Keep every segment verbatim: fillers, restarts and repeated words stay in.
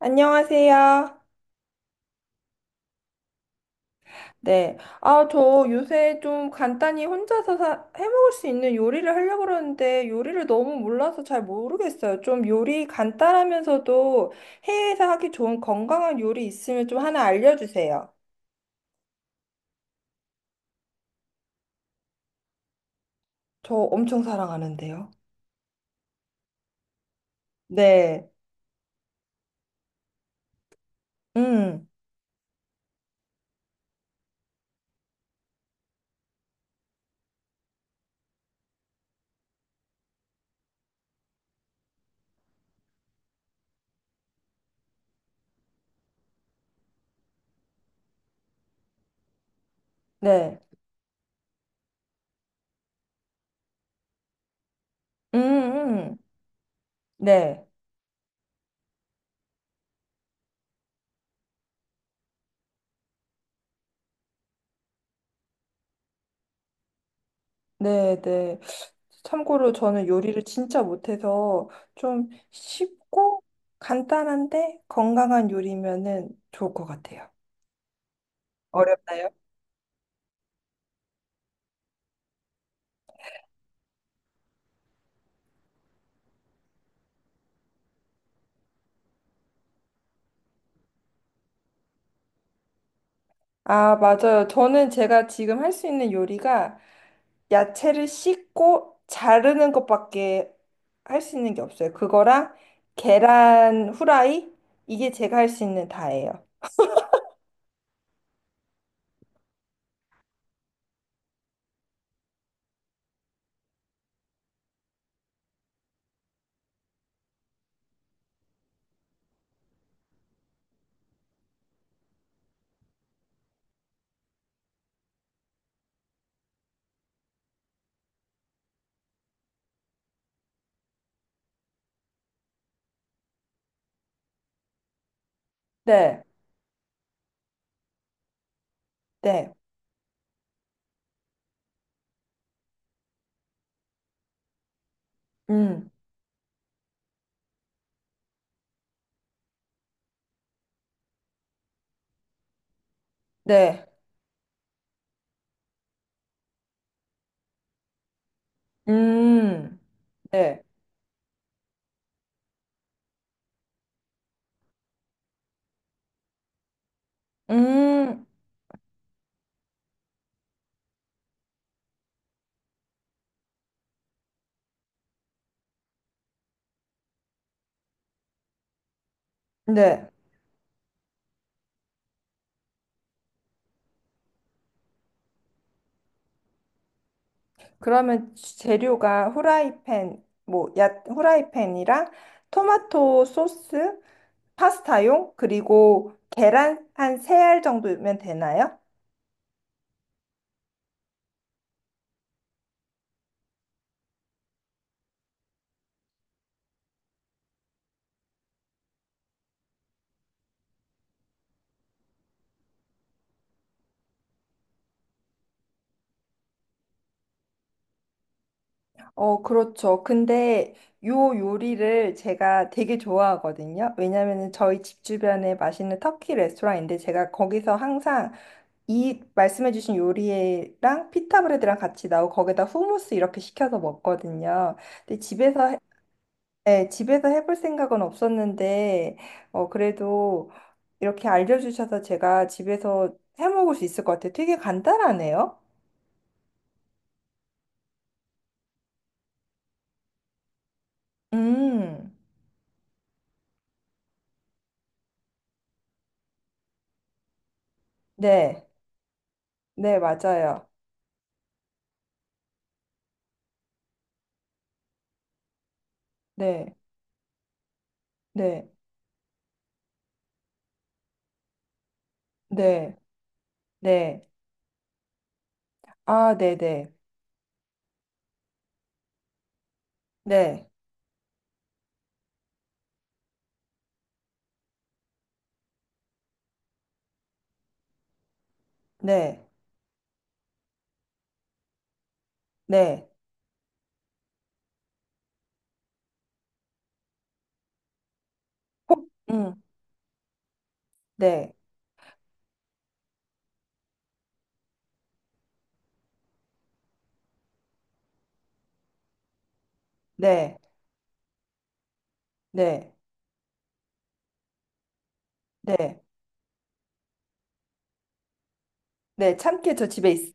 안녕하세요. 네. 아, 저 요새 좀 간단히 혼자서 사- 해먹을 수 있는 요리를 하려고 그러는데 요리를 너무 몰라서 잘 모르겠어요. 좀 요리 간단하면서도 해외에서 하기 좋은 건강한 요리 있으면 좀 하나 알려주세요. 저 엄청 사랑하는데요. 네. 음, 네. 음, 음. 네. 네, 네. 참고로 저는 요리를 진짜 못해서 좀 쉽고 간단한데 건강한 요리면은 좋을 것 같아요. 어렵나요? 아, 맞아요. 저는 제가 지금 할 수 있는 요리가 야채를 씻고 자르는 것밖에 할 수 있는 게 없어요. 그거랑 계란 후라이? 이게 제가 할 수 있는 다예요. 네, 네, 음, 네, 음, 네, 음, 네. 그러면 재료가 후라이팬, 뭐, 야, 후라이팬이랑 토마토 소스, 파스타용, 그리고 계란 한 세 알 정도면 되나요? 어, 그렇죠. 근데 요 요리를 제가 되게 좋아하거든요. 왜냐면은 저희 집 주변에 맛있는 터키 레스토랑인데 제가 거기서 항상 이 말씀해주신 요리랑 피타 브레드랑 같이 나오고 거기다 후무스 이렇게 시켜서 먹거든요. 근데 집에서, 네, 집에서 해볼 생각은 없었는데, 어, 그래도 이렇게 알려주셔서 제가 집에서 해 먹을 수 있을 것 같아요. 되게 간단하네요. 음, 네, 네, 맞아요. 네, 네, 네, 네. 아, 네, 네, 네, 네, 네. 콩, 음, 네, 네, 네, 네. 네. 네, 참깨 저 집에 있,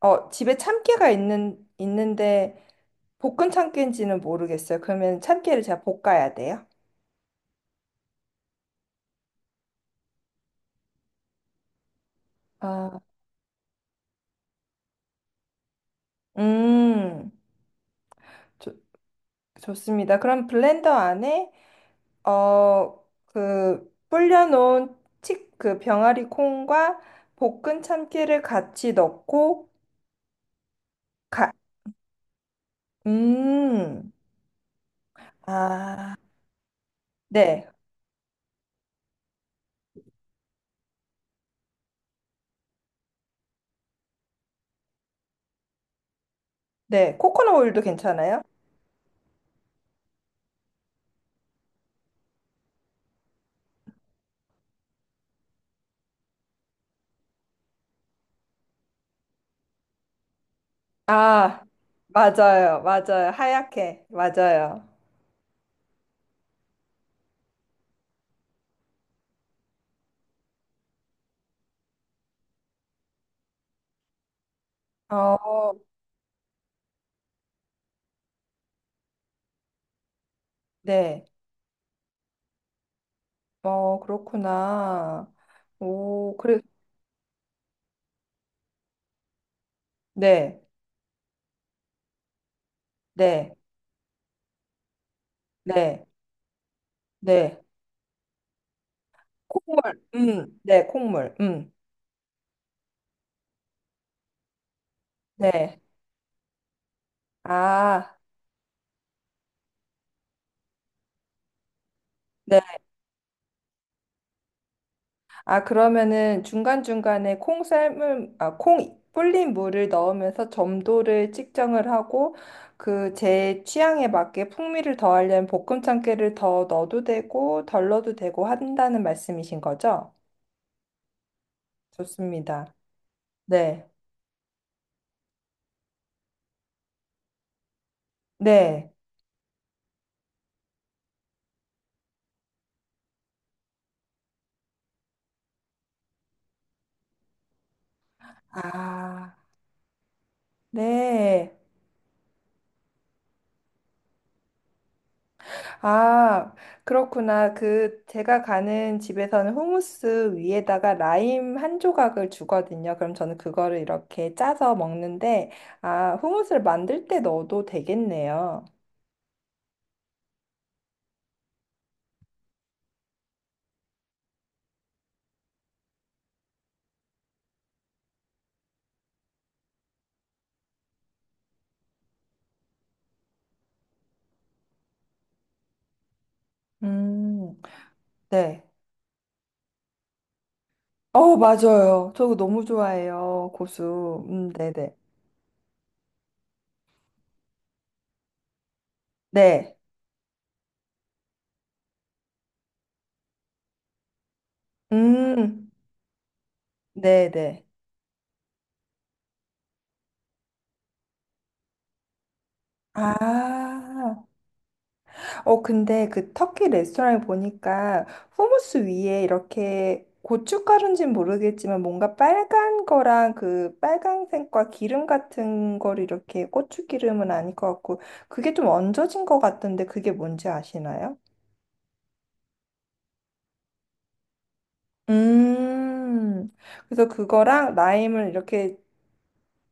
어, 집에 참깨가 있는, 있는데 볶은 참깨인지는 모르겠어요. 그러면 참깨를 제가 볶아야 돼요. 아, 음, 좋 좋습니다. 그럼 블렌더 안에 어, 그 불려놓은 치, 그 병아리 콩과 볶은 참깨를 같이 넣고, 가, 음, 아, 네, 네, 코코넛 오일도 괜찮아요? 아, 맞아요, 맞아요, 하얗게, 맞아요. 어, 네. 어, 그렇구나. 오, 그래. 네. 네. 네. 네. 콩물. 음. 네, 콩물. 음. 네. 아, 네. 아, 그러면은 중간중간에 콩 삶은 아, 콩 불린 물을 넣으면서 점도를 측정을 하고 그 제 취향에 맞게 풍미를 더하려면 볶음 참깨를 더 넣어도 되고 덜 넣어도 되고 한다는 말씀이신 거죠? 좋습니다. 네. 네. 아, 네. 아, 그렇구나. 그, 제가 가는 집에서는 후무스 위에다가 라임 한 조각을 주거든요. 그럼 저는 그거를 이렇게 짜서 먹는데, 아, 후무스를 만들 때 넣어도 되겠네요. 음, 네. 어, 맞아요. 저거 너무 좋아해요. 고수. 음, 네네. 네. 음, 네네. 아. 어, 근데 그 터키 레스토랑에 보니까 후무스 위에 이렇게 고춧가루인지는 모르겠지만 뭔가 빨간 거랑 그 빨간색과 기름 같은 걸 이렇게 고추기름은 아닐 것 같고 그게 좀 얹어진 것 같던데 그게 뭔지 아시나요? 음, 그래서 그거랑 라임을 이렇게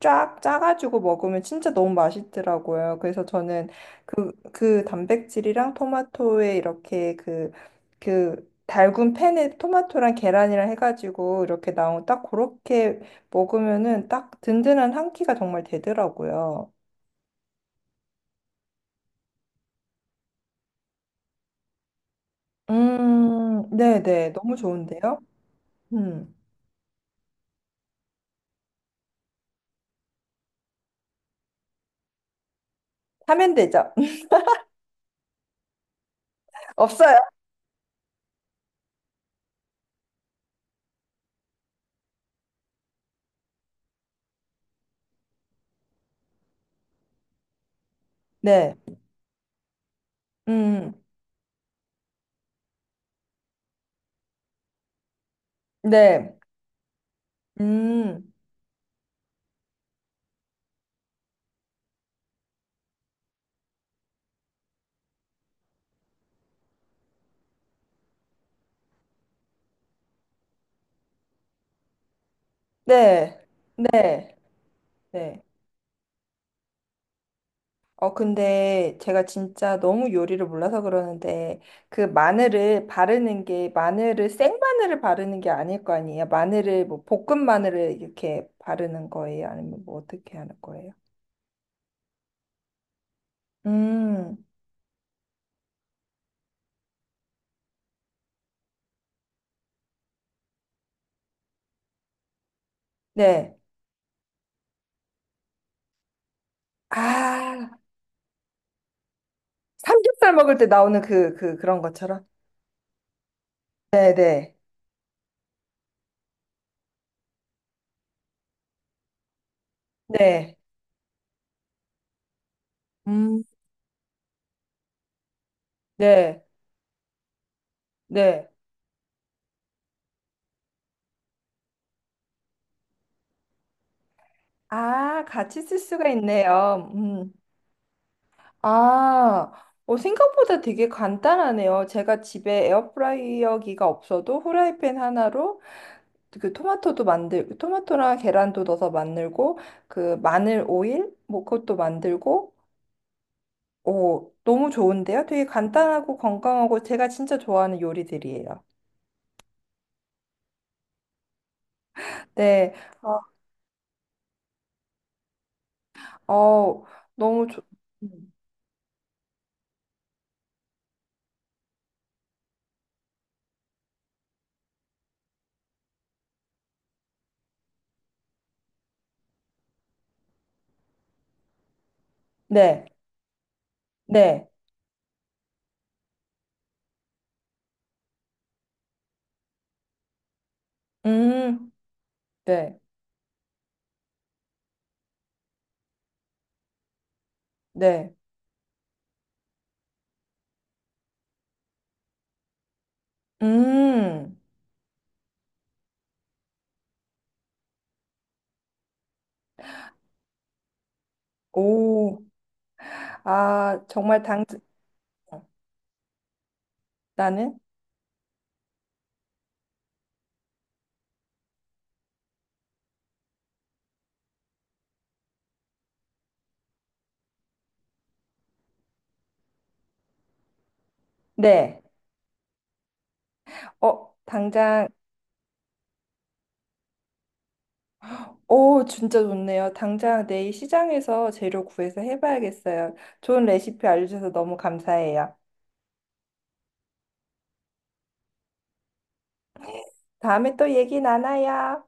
쫙 짜가지고 먹으면 진짜 너무 맛있더라고요. 그래서 저는 그, 그 단백질이랑 토마토에 이렇게 그, 그 달군 팬에 토마토랑 계란이랑 해가지고 이렇게 나온 딱 그렇게 먹으면은 딱 든든한 한 끼가 정말 되더라고요. 음, 네네. 너무 좋은데요? 음. 하면 되죠? 없어요? 네. 음, 네. 음, 네. 네. 네. 어, 근데 제가 진짜 너무 요리를 몰라서 그러는데, 그 마늘을 바르는 게, 마늘을, 생마늘을 바르는 게 아닐 거 아니에요? 마늘을, 뭐, 볶은 마늘을 이렇게 바르는 거예요? 아니면 뭐, 어떻게 하는 거예요? 음, 네. 아, 삼겹살 먹을 때 나오는 그, 그, 그런 것처럼? 네네. 네. 네. 음. 네. 네. 아, 같이 쓸 수가 있네요. 음. 아, 어, 생각보다 되게 간단하네요. 제가 집에 에어프라이어기가 없어도 후라이팬 하나로 그 토마토도 만들, 토마토랑 계란도 넣어서 만들고, 그 마늘 오일? 뭐 그것도 만들고, 오, 너무 좋은데요? 되게 간단하고 건강하고 제가 진짜 좋아하는 요리들이에요. 네, 어, 어, 너무 좋, 음. 네, 네, 음, 네, 네, 음, 오, 아, 정말 당, 나는? 네. 어, 당장, 오, 진짜 좋네요. 당장 내일 시장에서 재료 구해서 해봐야겠어요. 좋은 레시피 알려주셔서 너무 감사해요. 다음에 또 얘기 나눠요.